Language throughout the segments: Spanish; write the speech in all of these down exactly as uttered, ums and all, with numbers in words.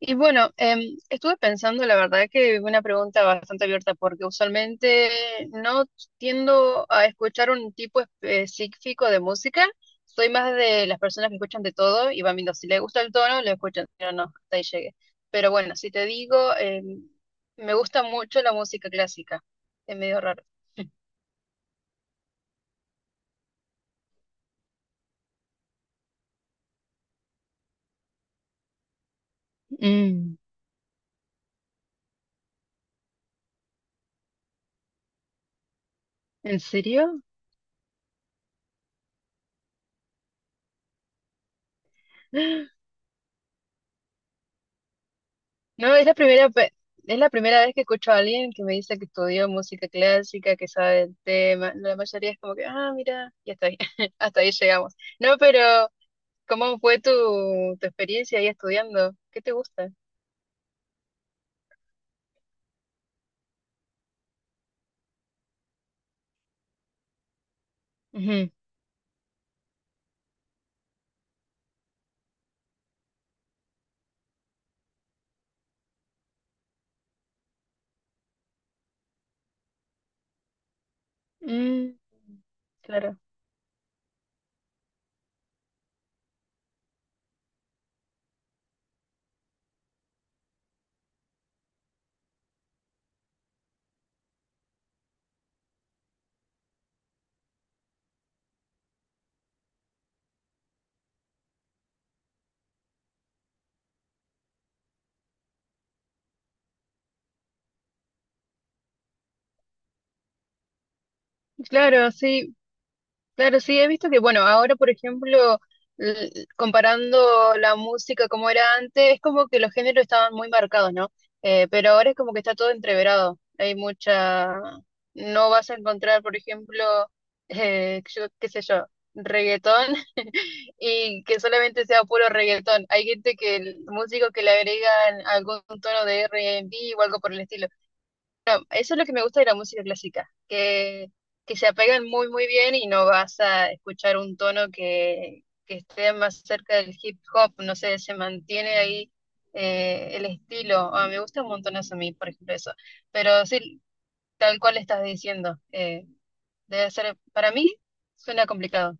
Y bueno, em, estuve pensando, la verdad que una pregunta bastante abierta, porque usualmente no tiendo a escuchar un tipo específico de música. Soy más de las personas que escuchan de todo y van viendo si le gusta el tono, lo escuchan, si no, no, hasta ahí llegué. Pero bueno, si te digo, em, me gusta mucho la música clásica. Es medio raro. Mm, ¿en serio? No, es la primera, pe- es la primera vez que escucho a alguien que me dice que estudió música clásica, que sabe el tema. La mayoría es como que, ah, mira, ya está ahí, hasta ahí llegamos. No, pero ¿cómo fue tu, tu experiencia ahí estudiando? ¿Qué te gusta? Ujú. Mm, claro. Claro, sí. Claro, sí, he visto que, bueno, ahora, por ejemplo, l- comparando la música como era antes, es como que los géneros estaban muy marcados, ¿no? Eh, pero ahora es como que está todo entreverado. Hay mucha... No vas a encontrar, por ejemplo, eh, yo, qué sé yo, reggaetón y que solamente sea puro reggaetón. Hay gente que, el músico que le agregan algún tono de R and B o algo por el estilo. Bueno, eso es lo que me gusta de la música clásica, que, que se apegan muy, muy bien y no vas a escuchar un tono que, que esté más cerca del hip hop, no sé, se mantiene ahí eh, el estilo. Ah, me gusta un montón eso a mí, por ejemplo, eso. Pero sí, tal cual estás diciendo, eh, debe ser, para mí suena complicado.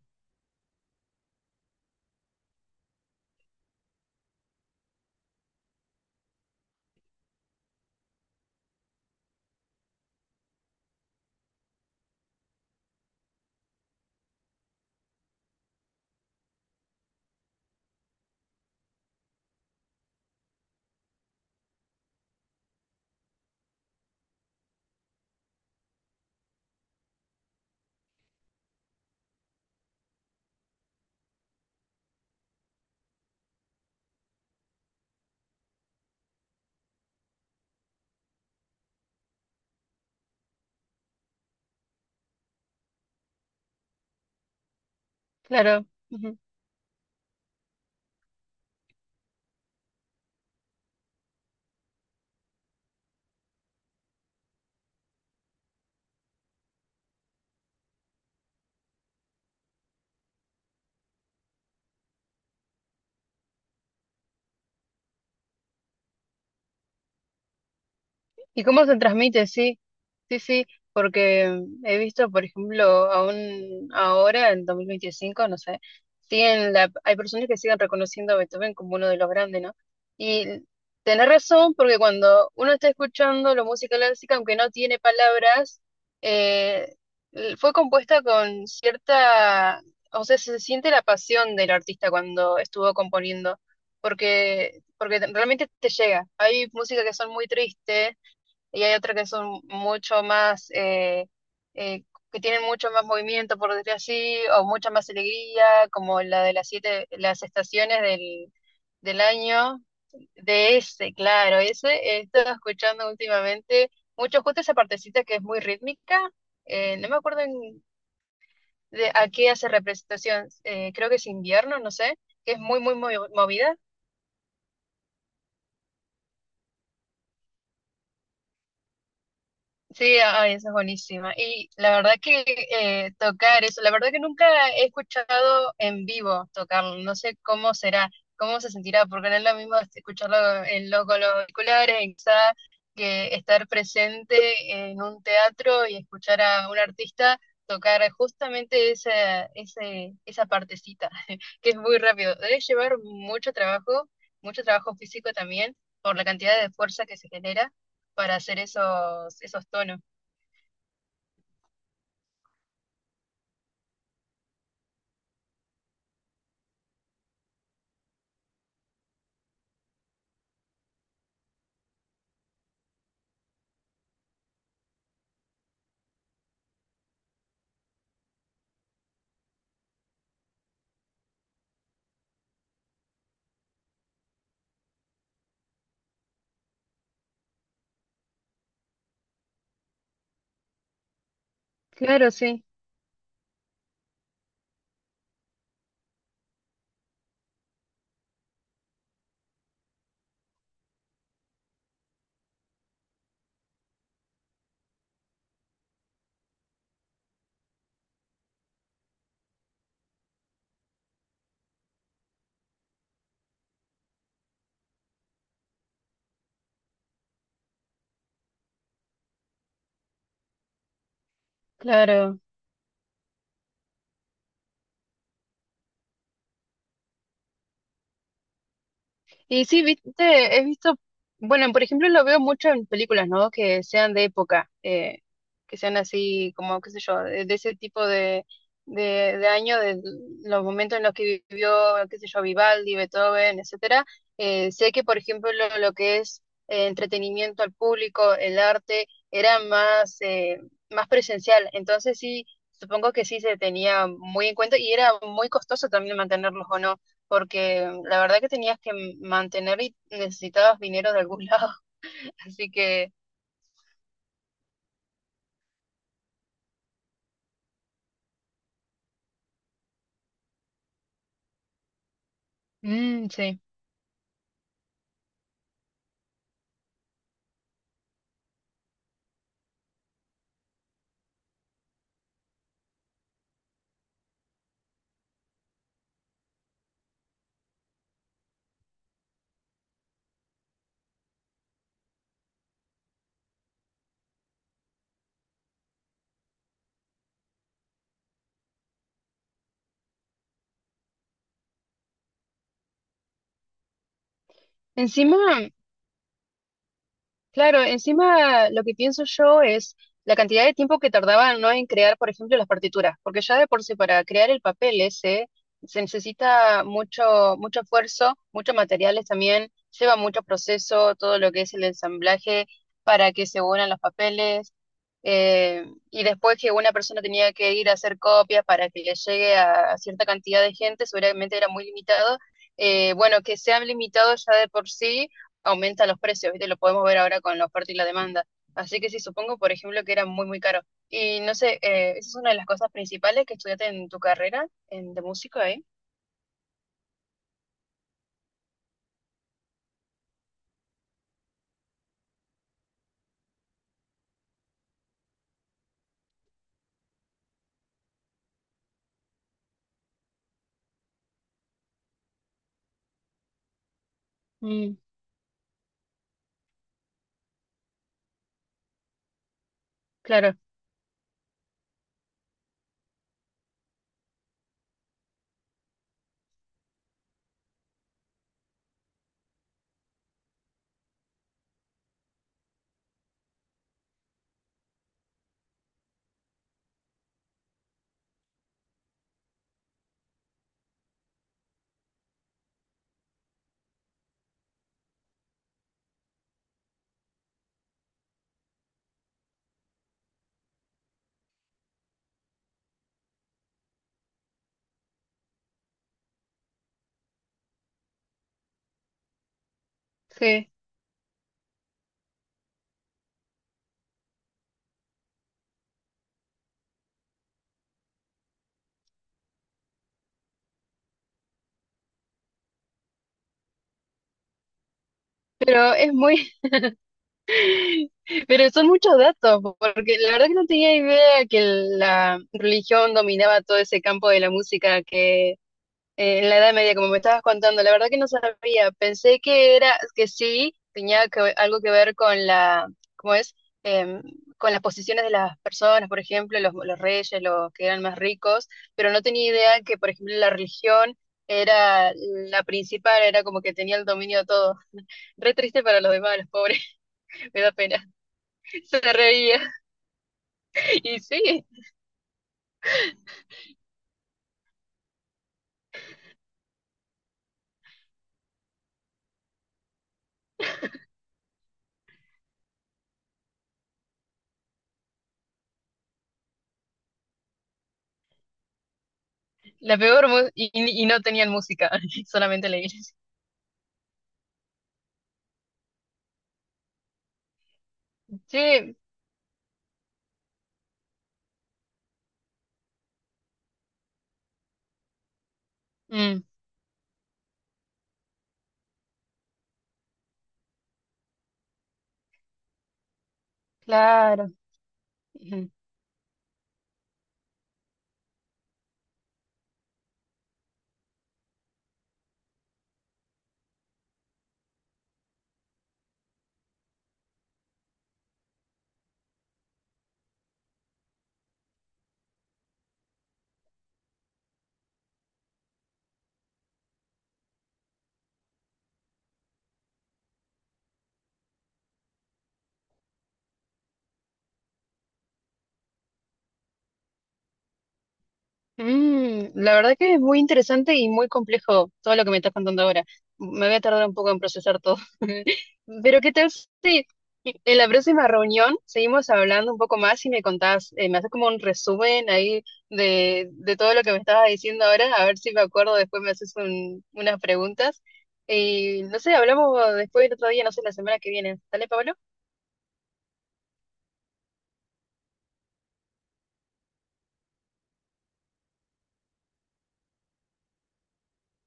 Claro. ¿Y cómo se transmite? Sí, sí, sí, porque he visto, por ejemplo, aún ahora, en dos mil veinticinco no sé, siguen la, hay personas que siguen reconociendo a Beethoven como uno de los grandes, ¿no? Y tenés razón, porque cuando uno está escuchando la música clásica, aunque no tiene palabras, eh, l- fue compuesta con cierta, o sea, se siente la pasión del artista cuando estuvo componiendo, porque, porque realmente te llega. Hay música que son muy tristes y hay otras que son mucho más, eh, eh, que tienen mucho más movimiento, por decir así, o mucha más alegría, como la de las siete, las estaciones del, del año, de ese, claro, ese he estado escuchando últimamente mucho justo esa partecita que es muy rítmica, eh, no me acuerdo en- de a qué hace representación, eh, creo que es invierno, no sé, que es muy, muy movi- movida. Sí, ay, esa es buenísima. Y la verdad que eh, tocar eso, la verdad que nunca he escuchado en vivo tocarlo, no sé cómo será, cómo se sentirá, porque no es lo mismo escucharlo en lo, con los auriculares, en casa, que estar presente en un teatro y escuchar a un artista tocar justamente esa, ese, esa partecita, que es muy rápido. Debe llevar mucho trabajo, mucho trabajo físico también, por la cantidad de fuerza que se genera para hacer esos, esos tonos. Claro, sí, claro. Y sí, viste, he visto, bueno, por ejemplo, lo veo mucho en películas, ¿no? Que sean de época, eh, que sean así, como, qué sé yo, de, de ese tipo de, de, de año, de los momentos en los que vivió, qué sé yo, Vivaldi, Beethoven, etcétera. Eh, sé que, por ejemplo, lo, lo que es eh, entretenimiento al público, el arte, era más, eh, más presencial. Entonces sí, supongo que sí se tenía muy en cuenta y era muy costoso también mantenerlos, ¿o no? Porque la verdad que tenías que mantener y necesitabas dinero de algún lado. Así que, mm, sí. Encima, claro, encima lo que pienso yo es la cantidad de tiempo que tardaban, ¿no? En crear, por ejemplo, las partituras, porque ya de por sí para crear el papel ese se necesita mucho, mucho esfuerzo, muchos materiales también, lleva mucho proceso, todo lo que es el ensamblaje para que se unan los papeles, eh, y después que una persona tenía que ir a hacer copias para que le llegue a cierta cantidad de gente, seguramente era muy limitado. Eh, bueno, que sea limitado ya de por sí aumenta los precios, ¿viste? Lo podemos ver ahora con la oferta y la demanda. Así que sí, supongo, por ejemplo, que era muy, muy caro. Y no sé, eh, ¿esa es una de las cosas principales que estudiaste en tu carrera en, de músico, eh? Mm, claro, sí. Pero es muy, pero son muchos datos, porque la verdad que no tenía idea que la religión dominaba todo ese campo de la música, que Eh, en la Edad Media, como me estabas contando, la verdad que no sabía. Pensé que era, que sí, tenía que, ve- algo que ver con la, ¿cómo es? Em, con las posiciones de las personas, por ejemplo, los, los reyes, los que eran más ricos, pero no tenía idea que, por ejemplo, la religión era la principal, era como que tenía el dominio de todo. Re triste para los demás, los pobres, me da pena. Se reía. Y sí, la peor, mu- y, y no tenían música, solamente la iglesia. Sí, mm, claro. Ujú. Mm, la verdad que es muy interesante y muy complejo todo lo que me estás contando ahora. Me voy a tardar un poco en procesar todo. Pero ¿qué tal si en la próxima reunión seguimos hablando un poco más y me contás, eh, me haces como un resumen ahí de, de todo lo que me estabas diciendo ahora? A ver si me acuerdo, después me haces un- unas preguntas. Y no sé, hablamos después el otro día, no sé, la semana que viene. ¿Dale, Pablo?